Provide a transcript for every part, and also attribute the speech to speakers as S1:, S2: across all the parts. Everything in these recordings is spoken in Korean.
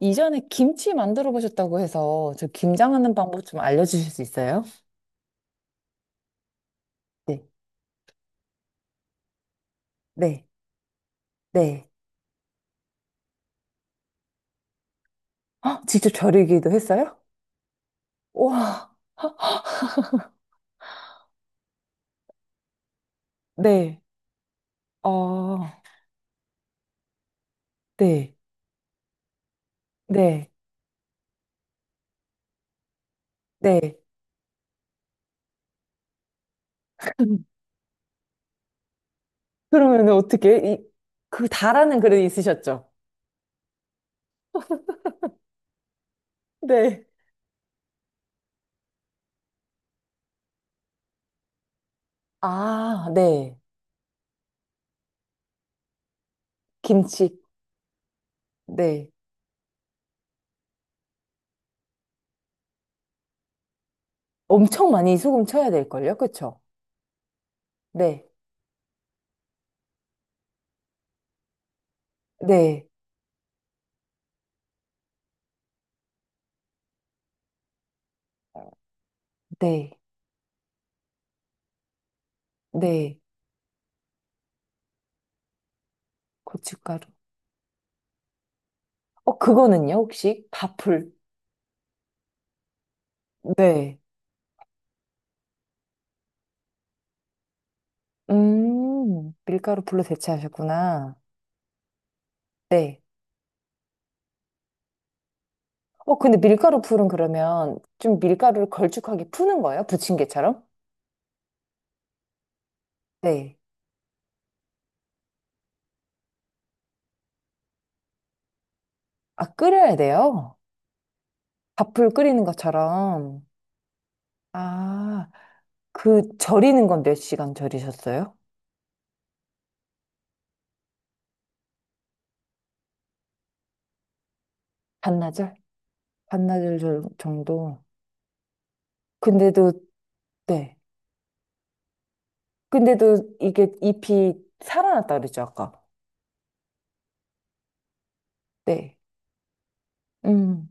S1: 이전에 김치 만들어 보셨다고 해서 저 김장하는 방법 좀 알려주실 수 있어요? 네, 네, 네. 아, 직접 절이기도 했어요? 와, 네, 아 네, 네, 네. 그러면 어떻게, 이, 그 다라는 그릇 있으셨죠? 네. 아, 네. 김치. 네. 엄청 많이 소금 쳐야 될걸요? 그쵸? 네. 네. 네. 네. 고춧가루. 어, 그거는요, 혹시? 밥풀. 네. 밀가루 풀로 대체하셨구나. 네. 어, 근데 밀가루 풀은 그러면 좀 밀가루를 걸쭉하게 푸는 거예요? 부침개처럼? 네. 아, 끓여야 돼요? 밥풀 끓이는 것처럼. 아, 그 절이는 건 몇 시간 절이셨어요? 반나절? 반나절 정도. 근데도, 네. 근데도 이게 잎이 살아났다 그랬죠, 아까. 네. 음.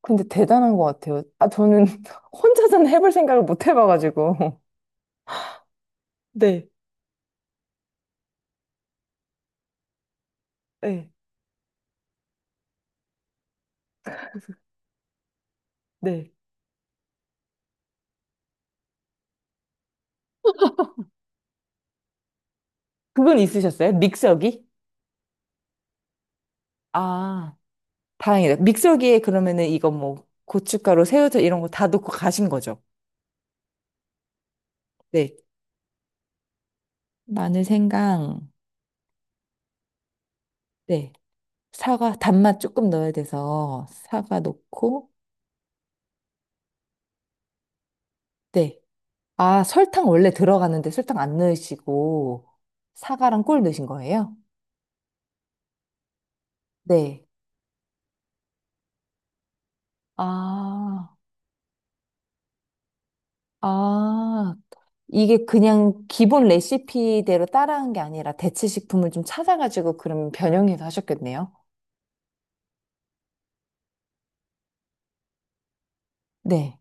S1: 근데 대단한 것 같아요. 아, 저는 혼자서는 해볼 생각을 못 해봐가지고. 네, 네, 그래서- 네. 그건 있으셨어요? 믹서기? 아, 다행이다. 믹서기에 그러면은 이거 뭐 고춧가루, 새우젓 이런 거 다 넣고 가신 거죠? 네. 마늘, 생강, 네. 사과, 단맛 조금 넣어야 돼서 사과 넣고, 네. 아, 설탕 원래 들어가는데 설탕 안 넣으시고 사과랑 꿀 넣으신 거예요? 네. 아, 아, 이게 그냥 기본 레시피대로 따라한 게 아니라 대체 식품을 좀 찾아가지고 그럼 변형해서 하셨겠네요. 네.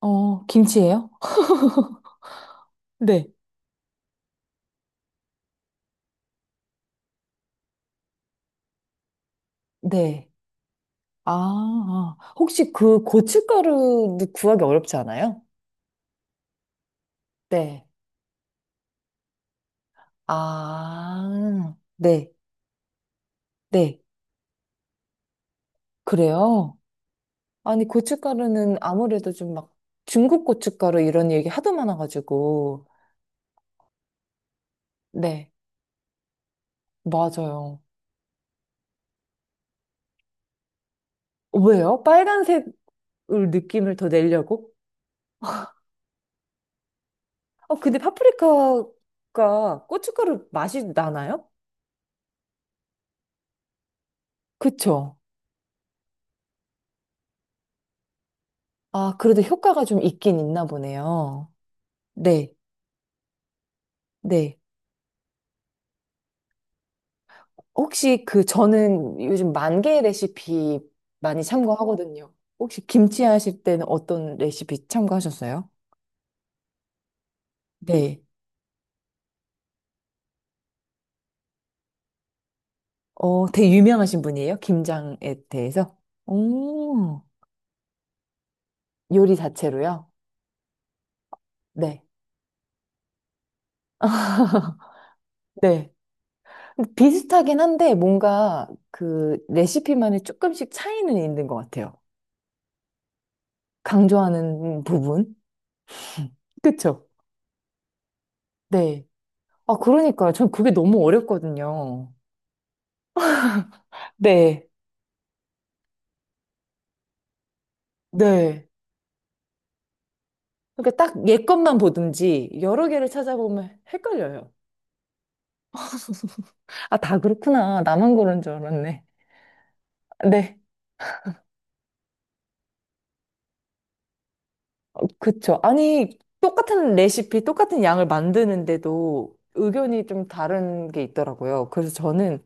S1: 어, 김치예요? 네. 네. 아, 아. 혹시 그 고춧가루도 구하기 어렵지 않아요? 네. 아, 네. 네. 그래요? 아니, 고춧가루는 아무래도 좀 막 중국 고춧가루 이런 얘기 하도 많아가지고. 네. 맞아요. 왜요? 빨간색을 느낌을 더 내려고? 어, 근데 파프리카가 고춧가루 맛이 나나요? 그쵸? 아, 그래도 효과가 좀 있긴 있나 보네요. 네, 네. 혹시 그 저는 요즘 만개 레시피 많이 참고하거든요. 혹시 김치 하실 때는 어떤 레시피 참고하셨어요? 네. 어, 되게 유명하신 분이에요? 김장에 대해서? 오, 요리 자체로요? 네. 네. 비슷하긴 한데 뭔가 그 레시피만의 조금씩 차이는 있는 것 같아요. 강조하는 부분. 그쵸? 네. 아, 그러니까요. 전 그게 너무 어렵거든요. 네. 네. 그러니까 딱 얘 것만 보든지 여러 개를 찾아보면 헷갈려요. 아, 다 그렇구나. 나만 그런 줄 알았네. 네. 어, 그쵸. 아니, 똑같은 레시피, 똑같은 양을 만드는데도 의견이 좀 다른 게 있더라고요. 그래서 저는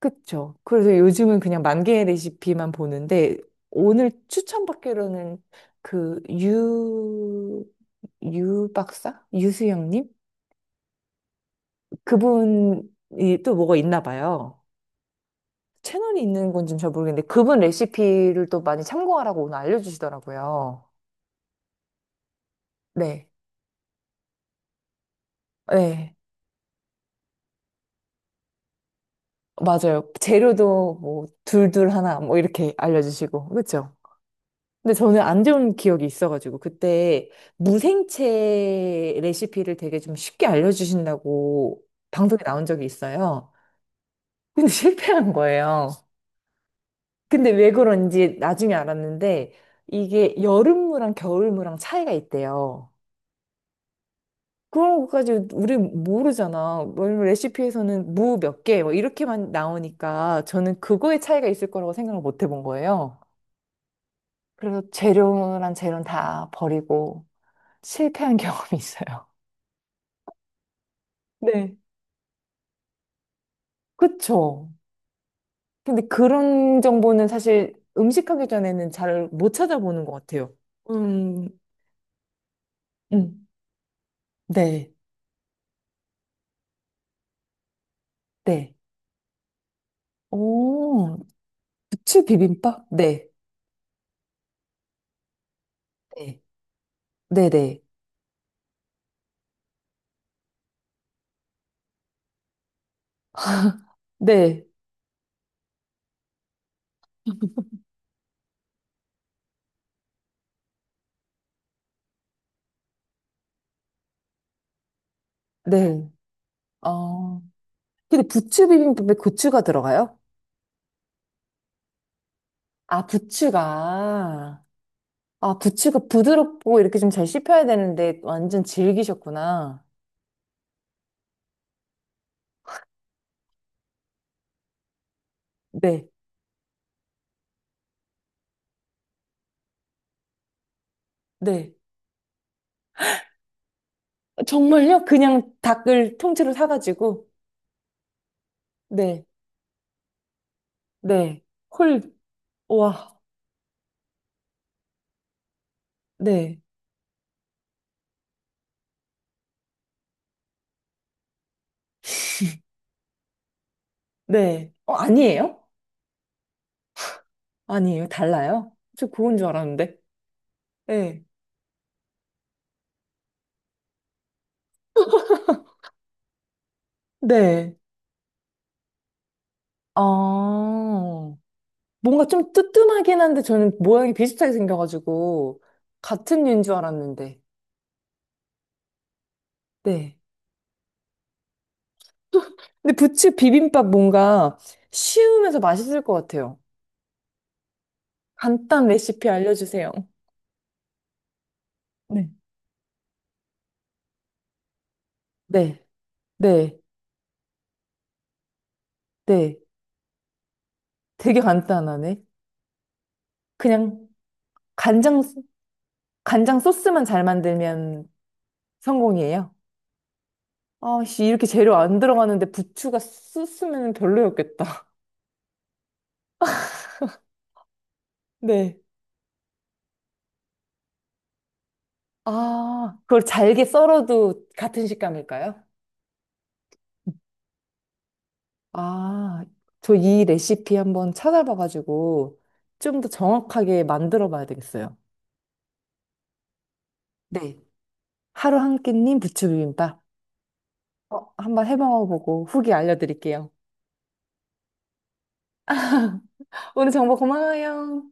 S1: 그쵸. 그래서 요즘은 그냥 만 개의 레시피만 보는데, 오늘 추천받기로는 그 유, 유 박사? 유수영님? 그분이 또 뭐가 있나 봐요. 채널이 있는 건지는 잘 모르겠는데, 그분 레시피를 또 많이 참고하라고 오늘 알려주시더라고요. 네. 네. 맞아요. 재료도 뭐, 둘둘 하나, 뭐, 이렇게 알려주시고. 그쵸? 근데 저는 안 좋은 기억이 있어가지고 그때 무생채 레시피를 되게 좀 쉽게 알려주신다고 방송에 나온 적이 있어요. 근데 실패한 거예요. 근데 왜 그런지 나중에 알았는데 이게 여름무랑 겨울무랑 차이가 있대요. 그런 것까지 우리 모르잖아. 왜냐면 레시피에서는 무 몇 개, 뭐 이렇게만 나오니까 저는 그거의 차이가 있을 거라고 생각을 못 해본 거예요. 그래서 재료란 재료는 다 버리고 실패한 경험이 있어요. 네. 그쵸. 근데 그런 정보는 사실 음식하기 전에는 잘 못 찾아보는 것 같아요. 음, 음, 네, 네. 오, 부추 비빔밥? 네, 네, 네, 네, 네, 네. 어, 근데 부추 비빔밥에 고추가 들어가요? 아, 부추가. 아, 부추가 부드럽고 이렇게 좀 잘 씹혀야 되는데 완전 질기셨구나. 네, 네. 정말요? 그냥 닭을 통째로 사가지고? 네. 네. 헐, 와, 네, 네. 어, 아니에요? 아니에요. 달라요? 저 그건 줄 알았는데. 네, 네. 아, 뭔가 좀 뜨뜸하긴 한데 저는 모양이 비슷하게 생겨가지고 같은 류인 줄 알았는데. 네. 근데 부츠 비빔밥 뭔가 쉬우면서 맛있을 것 같아요. 간단 레시피 알려주세요. 네. 네, 네, 네. 되게 간단하네. 그냥 간장, 간장 소스만 잘 만들면 성공이에요? 아, 씨, 이렇게 재료 안 들어가는데 부추가 쓰으면 별로였겠다. 네. 아, 그걸 잘게 썰어도 같은 식감일까요? 아, 저 이 레시피 한번 찾아봐가지고 좀 더 정확하게 만들어 봐야 되겠어요. 네. 하루 한 끼님 부추비빔밥. 어, 한번 해 먹어보고 후기 알려드릴게요. 오늘 정보 고마워요.